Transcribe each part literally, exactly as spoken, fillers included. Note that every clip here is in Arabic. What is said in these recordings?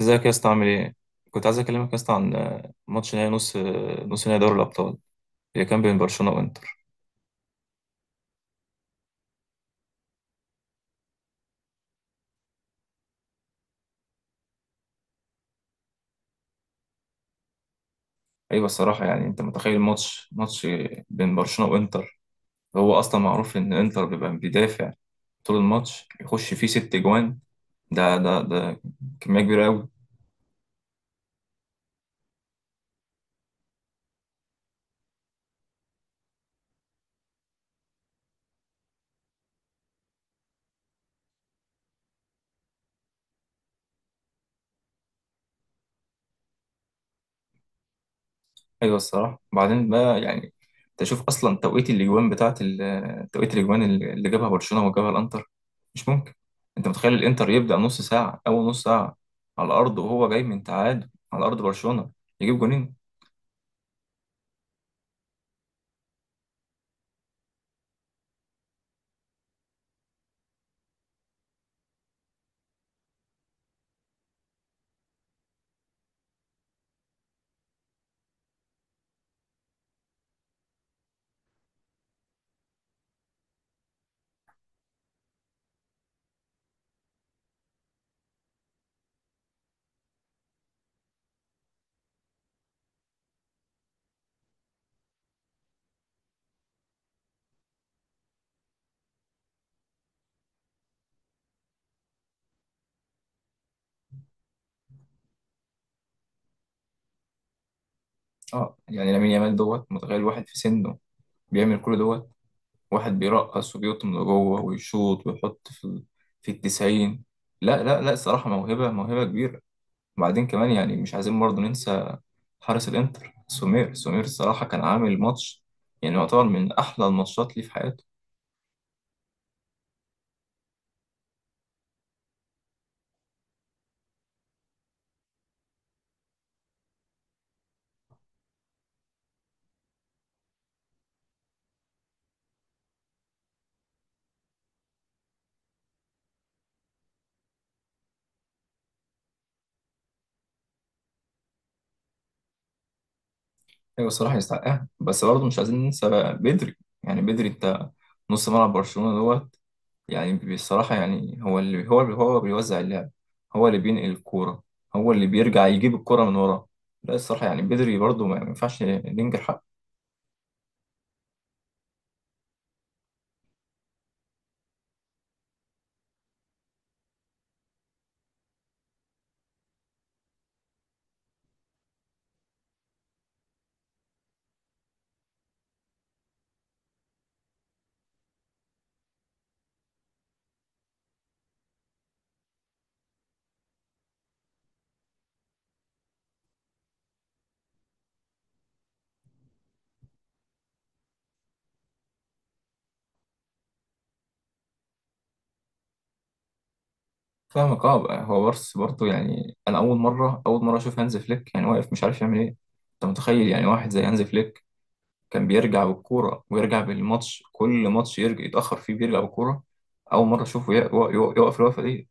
ازيك يا اسطى عامل ايه؟ كنت عايز اكلمك يا اسطى عن آه، ماتش نهائي نص آه، نص نهائي دوري الابطال اللي كان بين برشلونه وانتر. ايوه الصراحه يعني انت متخيل ماتش ماتش بين برشلونه وانتر. هو اصلا معروف ان انتر بيبقى بيدافع طول الماتش يخش فيه ست جوان. ده ده ده كميه كبيره قوي. ايوه الصراحه بعدين بقى يعني تشوف اصلا توقيت الاجوان بتاعت ال- توقيت الاجوان اللي جابها برشلونه وجابها الانتر. مش ممكن. انت متخيل الانتر يبدا نص ساعه اول نص ساعه على الارض وهو جاي من تعادل على ارض برشلونه يجيب جونين. اه يعني لامين يامال دوت متخيل واحد في سنه بيعمل كل دوت واحد بيرقص وبيطم لجوه ويشوط ويحط في ال- في التسعين. لا لا لا الصراحه موهبه موهبه كبيره. وبعدين كمان يعني مش عايزين برضه ننسى حارس الانتر سومير. سومير الصراحه كان عامل ماتش يعني يعتبر من احلى الماتشات ليه في حياته. ايوه الصراحه يستحقها بس برضه مش عايزين ننسى بقى بدري. يعني بدري انت نص ملعب برشلونه دوت يعني بصراحه يعني هو اللي هو اللي هو بيوزع اللعب، هو اللي بينقل الكوره، هو اللي بيرجع يجيب الكوره من ورا. لا الصراحه يعني بدري برضه ما ما ينفعش ننكر حقه. فاهمك اه بقى هو بس برضه يعني انا اول مره اول مره اشوف هانز فليك يعني واقف مش عارف يعمل ايه. انت متخيل يعني واحد زي هانز فليك كان بيرجع بالكورة ويرجع بالماتش كل ماتش يرجع يتأخر فيه بيرجع بالكورة. أول مرة أشوفه يق- يق- يق- يقف الوقفة دي.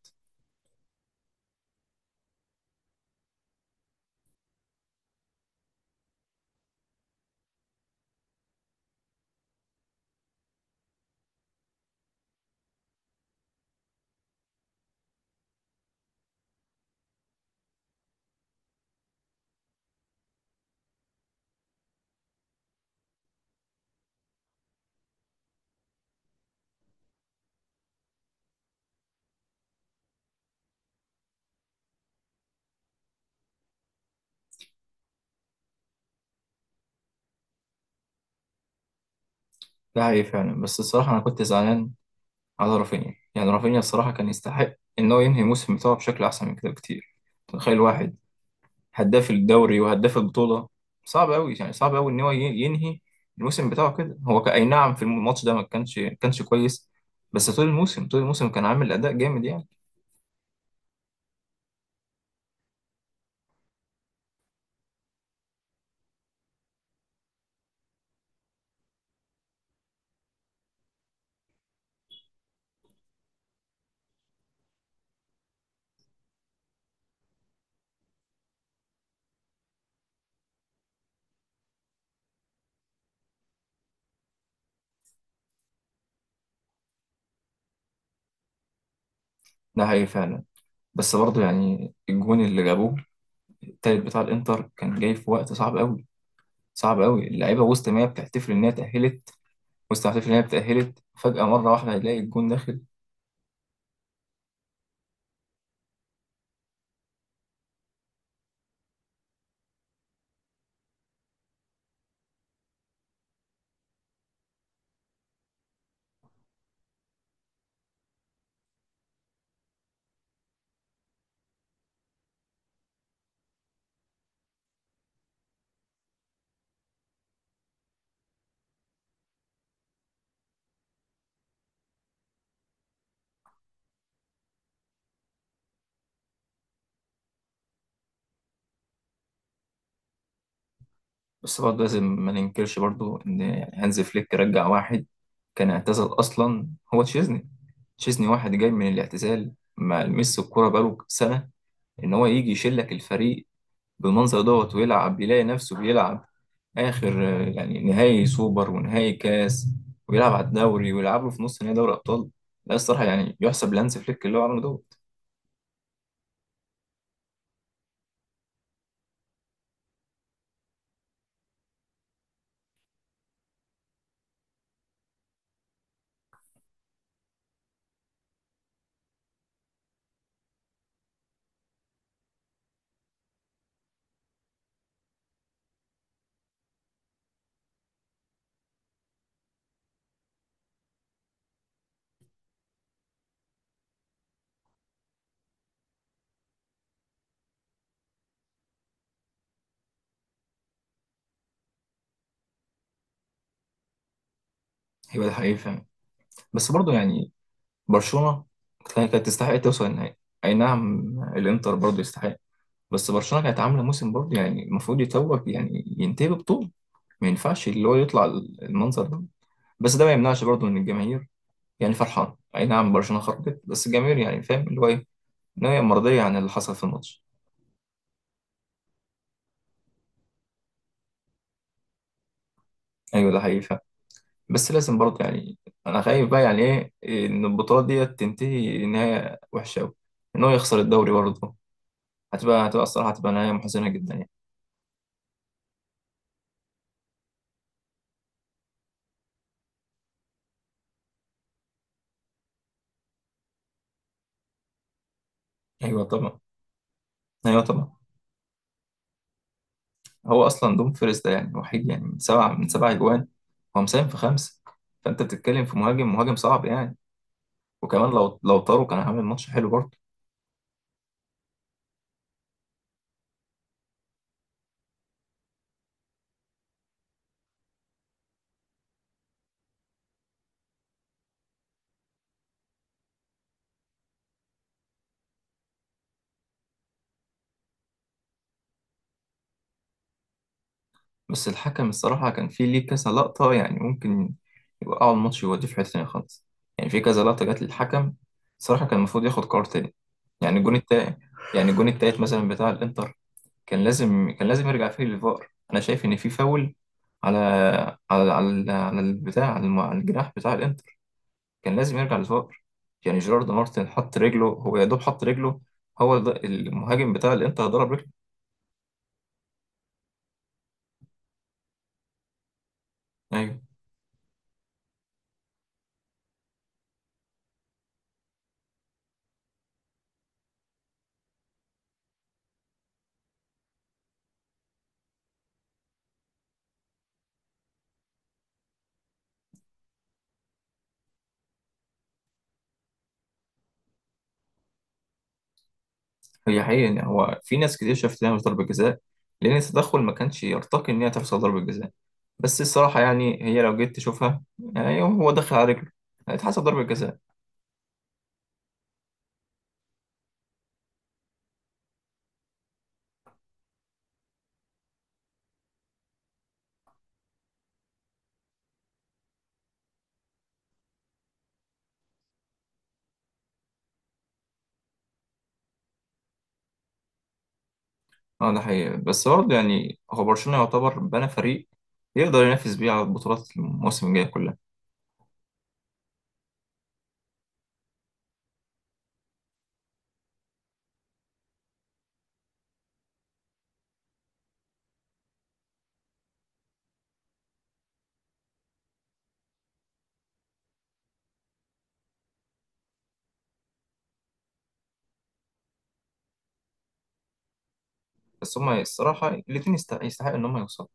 ده حقيقي فعلا بس الصراحة أنا كنت زعلان على رافينيا. يعني رافينيا الصراحة كان يستحق إن هو ينهي الموسم بتاعه بشكل أحسن من كده بكتير. تخيل واحد هداف الدوري وهداف البطولة. صعب أوي يعني صعب أوي إن هو ي- ينهي الموسم بتاعه كده. هو ك- أي نعم في الماتش ده ما كانش كانش كويس. بس طول الموسم طول الموسم كان عامل أداء جامد يعني. ده حقيقي فعلا بس برضه يعني الجون اللي جابوه التالت بتاع الانتر كان جاي في وقت صعب قوي. صعب قوي اللعيبه وسط ما هي بتحتفل ان هي اتاهلت. وسط ما بتحتفل ان هي اتاهلت فجاه مره واحده هيلاقي الجون داخل. بس برضه لازم ما ننكرش برضه ان يعني هانز فليك رجع واحد كان اعتزل اصلا. هو تشيزني. تشيزني واحد جاي من الاعتزال ما لمس الكوره بقاله سنه ان هو يجي يشيل لك الفريق بالمنظر دوت ويلعب يلاقي نفسه بيلعب آخر آه، يعني نهائي سوبر ونهائي كاس ويلعب على الدوري ويلعب له في نص نهائي دوري أبطال. لا الصراحة يعني يحسب لهانز فليك اللي هو عمله دوت هيبقى ده حقيقي فعلا بس برضه يعني برشلونة كانت كانت تستحق توصل النهائي. أي نعم الإنتر برضه يستحق بس برشلونة كانت عاملة موسم برضه يعني المفروض يتوج يعني ينتهي ببطولة. ما ينفعش اللي هو يطلع المنظر ده. بس ده ما يمنعش برضه ان الجماهير يعني فرحان. اي نعم برشلونه خرجت بس الجماهير يعني فاهم اللي هو ايه. نهايه مرضيه عن اللي حصل في الماتش. ايوه ده حقيقي فعلا. بس لازم برضه يعني انا خايف بقى يعني ايه ان البطوله ديت تنتهي نهايه وحشه قوي. ان هو يخسر الدوري برضه. هتبقى هتبقى الصراحه هتبقى نهايه محزنه جدا يعني. ايوه طبعا. ايوه طبعا. هو اصلا دوم فيرست ده يعني وحيد يعني من سبعه من سبع اجوان هو مساهم في خمسه. فانت بتتكلم في مهاجم مهاجم صعب يعني. وكمان لو لو طاروا كان هيعمل ماتش حلو برضه. بس الحكم الصراحة كان في ليه كذا لقطة يعني ممكن يوقعوا الماتش ويوديه في حتة تانية خالص. يعني في كذا لقطة جت للحكم الصراحة كان المفروض ياخد قرار تاني. يعني الجون التالت. يعني الجون التالت مثلا بتاع الإنتر كان لازم كان لازم يرجع فيه للفار. أنا شايف إن في فاول على على على على البتاع على الم- على الجناح بتاع الإنتر كان لازم يرجع للفار. يعني جيرارد مارتن حط رجله هو يا دوب حط رجله هو ده- المهاجم بتاع الإنتر ضرب رجله. أيوه. هي حقيقة إن هو في ناس كتير شافت إنها مش ضربة جزاء لأن التدخل ما كانش يرتقي إن هي تحصل ضربة جزاء. بس الصراحة يعني هي لو جيت تشوفها يعني هو دخل على رجله هيتحسب ضربة جزاء. اه ده حقيقي بس برضه يعني هو برشلونة يعتبر بنى فريق يقدر ينافس بيه على البطولات الموسم الجاي كلها. بس هما الصراحة الاتنين يستحق يستحق إن هما يوصلوا.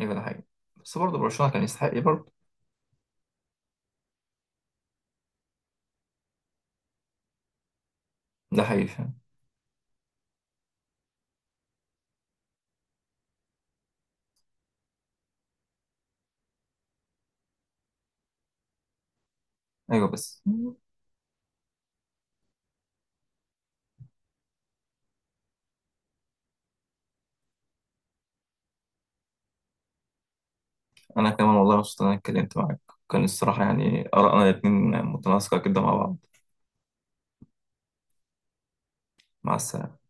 أيوة ده حقيقي بس برضه برشلونة كان يستحق إيه برضه. ده حقيقي فعلا. أيوة بس. أنا كمان والله مبسوط إن أنا اتكلمت معاك. كان الصراحة يعني آرائنا الاتنين متناسقة كده مع بعض. مع السلامة.